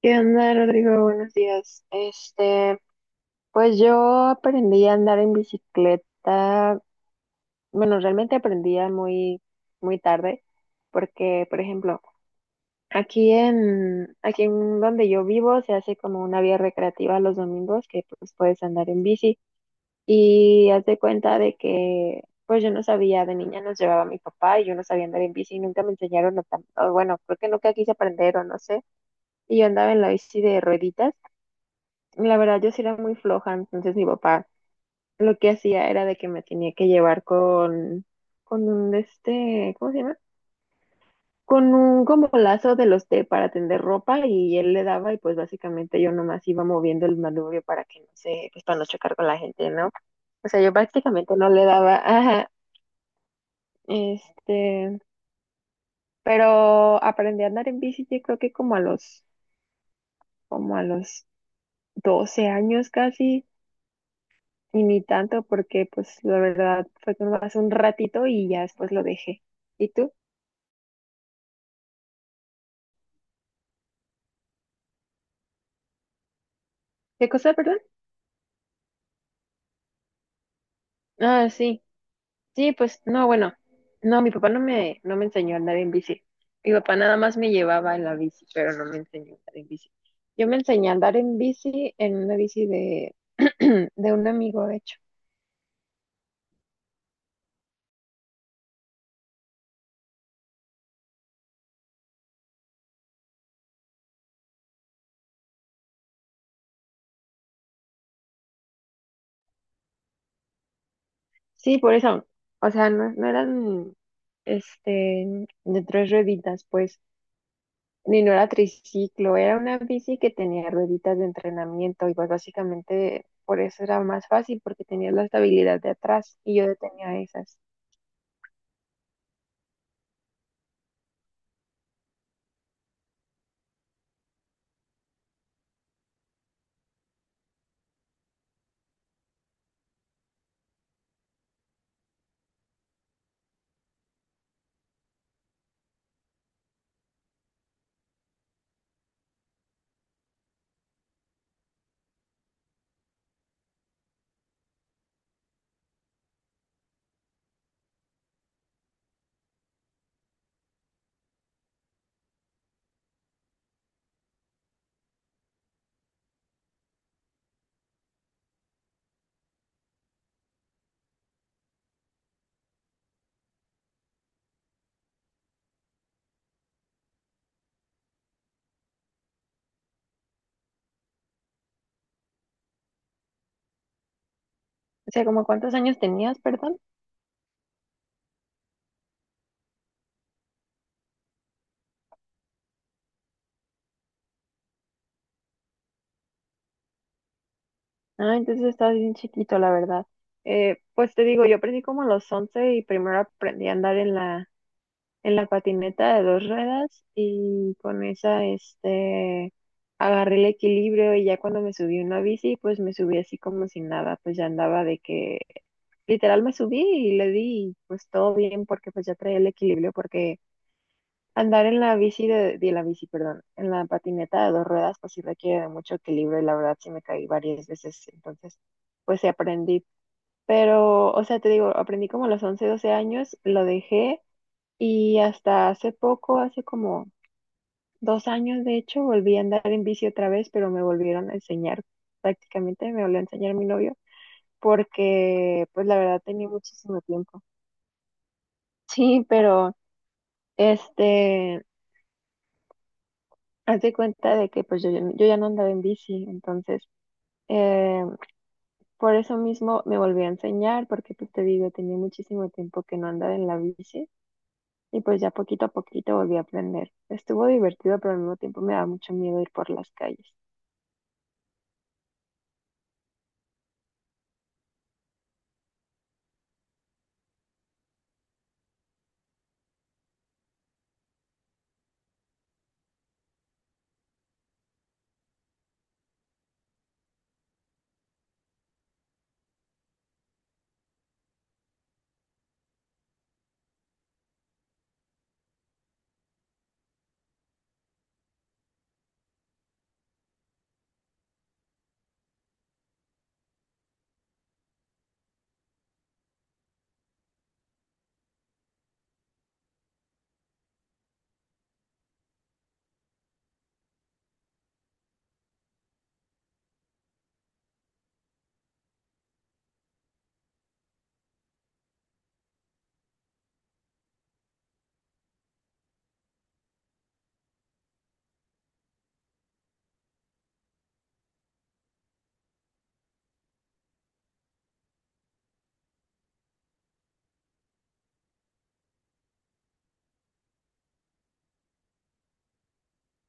¿Qué onda, Rodrigo? Buenos días. Pues yo aprendí a andar en bicicleta. Bueno, realmente aprendí a muy tarde, porque, por ejemplo, aquí en donde yo vivo se hace como una vía recreativa los domingos que pues puedes andar en bici y haz de cuenta pues yo no sabía, de niña nos llevaba mi papá y yo no sabía andar en bici, nunca me enseñaron, o bueno, creo que nunca quise aprender o no sé, y yo andaba en la bici de rueditas. La verdad, yo sí era muy floja, entonces mi papá lo que hacía era de que me tenía que llevar con un de este, ¿cómo se llama? Con un como lazo de los de para tender ropa y él le daba y pues básicamente yo nomás iba moviendo el manubrio para que no se pues para no chocar con la gente, ¿no? O sea, yo prácticamente no le daba, ajá, este, pero aprendí a andar en bici yo creo que como a los 12 años casi. Y ni tanto porque pues la verdad fue como hace un ratito y ya después lo dejé. ¿Y tú? ¿Qué cosa, perdón? Ah, sí. Sí, pues no, bueno. No, mi papá no me enseñó a andar en bici. Mi papá nada más me llevaba en la bici, pero no me enseñó a andar en bici. Yo me enseñé a andar en bici en una bici de un amigo, de hecho. Sí, por eso. O sea, no, no eran este de tres rueditas, pues. Ni no era triciclo, era una bici que tenía rueditas de entrenamiento y pues básicamente por eso era más fácil porque tenía la estabilidad de atrás y yo no tenía esas. O sea, ¿como cuántos años tenías, perdón? Ah, entonces estabas bien chiquito, la verdad. Pues te digo, yo aprendí como a los 11 y primero aprendí a andar en en la patineta de dos ruedas y con esa, agarré el equilibrio y ya cuando me subí a una bici, pues me subí así como si nada, pues ya andaba de que literal me subí y le di, y pues todo bien porque pues ya traía el equilibrio porque andar en la bici de la bici, perdón, en la patineta de dos ruedas pues sí requiere de mucho equilibrio y la verdad sí me caí varias veces, entonces pues sí aprendí, pero o sea, te digo, aprendí como a los 11 12 años, lo dejé y hasta hace poco, hace como 2 años de hecho, volví a andar en bici otra vez, pero me volvieron a enseñar, prácticamente me volvió a enseñar mi novio, porque pues la verdad tenía muchísimo tiempo. Sí, pero este, haz de cuenta de que pues yo ya no andaba en bici, entonces eh, por eso mismo me volví a enseñar, porque pues te digo, tenía muchísimo tiempo que no andaba en la bici. Y pues ya poquito a poquito volví a aprender. Estuvo divertido, pero al mismo tiempo me da mucho miedo ir por las calles.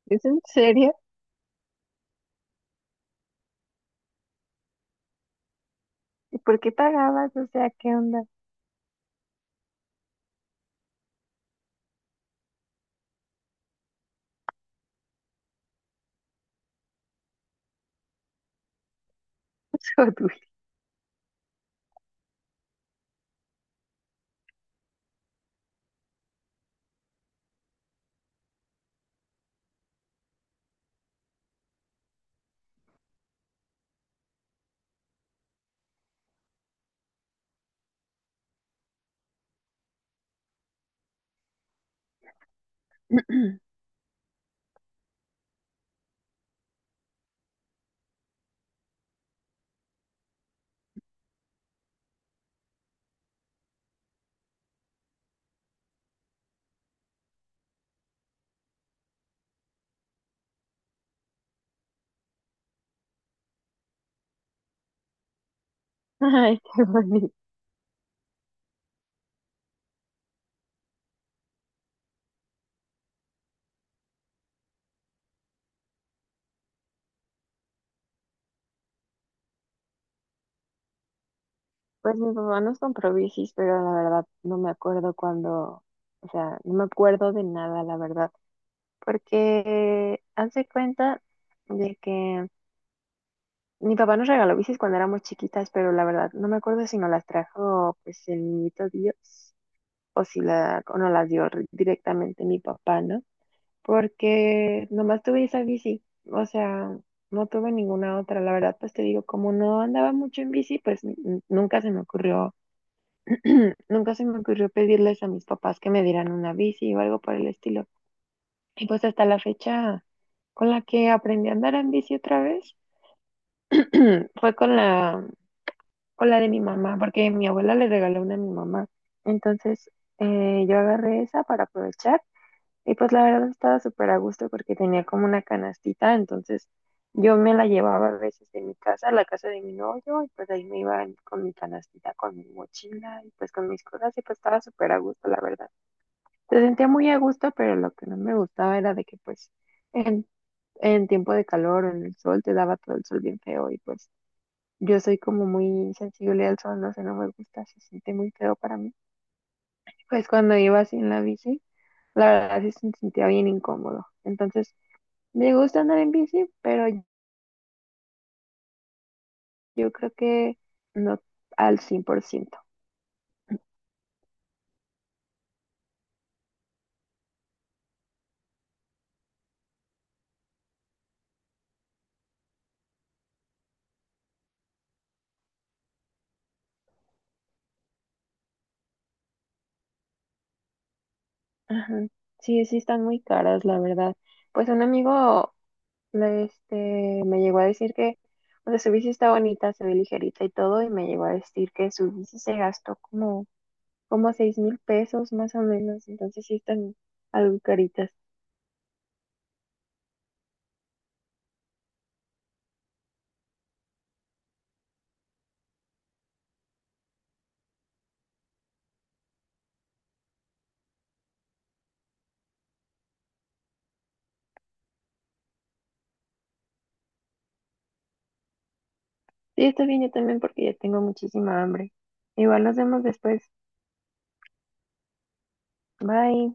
¿Es en serio? ¿Y por qué pagabas? O sea, ¿qué onda? Joder. Ay, qué bonito. Pues mi papá nos compró bicis, pero la verdad no me acuerdo cuándo, o sea, no me acuerdo de nada, la verdad, porque hace cuenta de que mi papá nos regaló bicis cuando éramos chiquitas, pero la verdad no me acuerdo si nos las trajo pues el niñito Dios o si la, o nos las dio re- directamente mi papá, ¿no? Porque nomás tuve esa bici, o sea, no tuve ninguna otra. La verdad, pues te digo, como no andaba mucho en bici, pues n- nunca se me ocurrió, nunca se me ocurrió pedirles a mis papás que me dieran una bici o algo por el estilo. Y pues hasta la fecha con la que aprendí a andar en bici otra vez fue con con la de mi mamá, porque mi abuela le regaló una a mi mamá. Entonces, yo agarré esa para aprovechar. Y pues la verdad estaba súper a gusto porque tenía como una canastita, entonces yo me la llevaba a veces de mi casa a la casa de mi novio y pues ahí me iba en- con mi canastita, con mi mochila y pues con mis cosas y pues estaba súper a gusto, la verdad. Se sentía muy a gusto, pero lo que no me gustaba era de que en, en tiempo de calor o en el sol te daba todo el sol bien feo y pues yo soy como muy sensible al sol, no sé, no me gusta, se siente muy feo para mí. Pues cuando iba así en la bici, la verdad sí se sentía bien incómodo. Entonces, me gusta andar en bici, pero yo creo que no al 100%. Ajá. Sí, sí están muy caras, la verdad. Pues un amigo le- este, me llegó a decir que, o sea, su bici está bonita, se ve ligerita y todo, y me llegó a decir que su bici se gastó como $6,000 más o menos, entonces sí están algo caritas. Sí, está bien, yo también porque ya tengo muchísima hambre. Igual nos vemos después. Bye.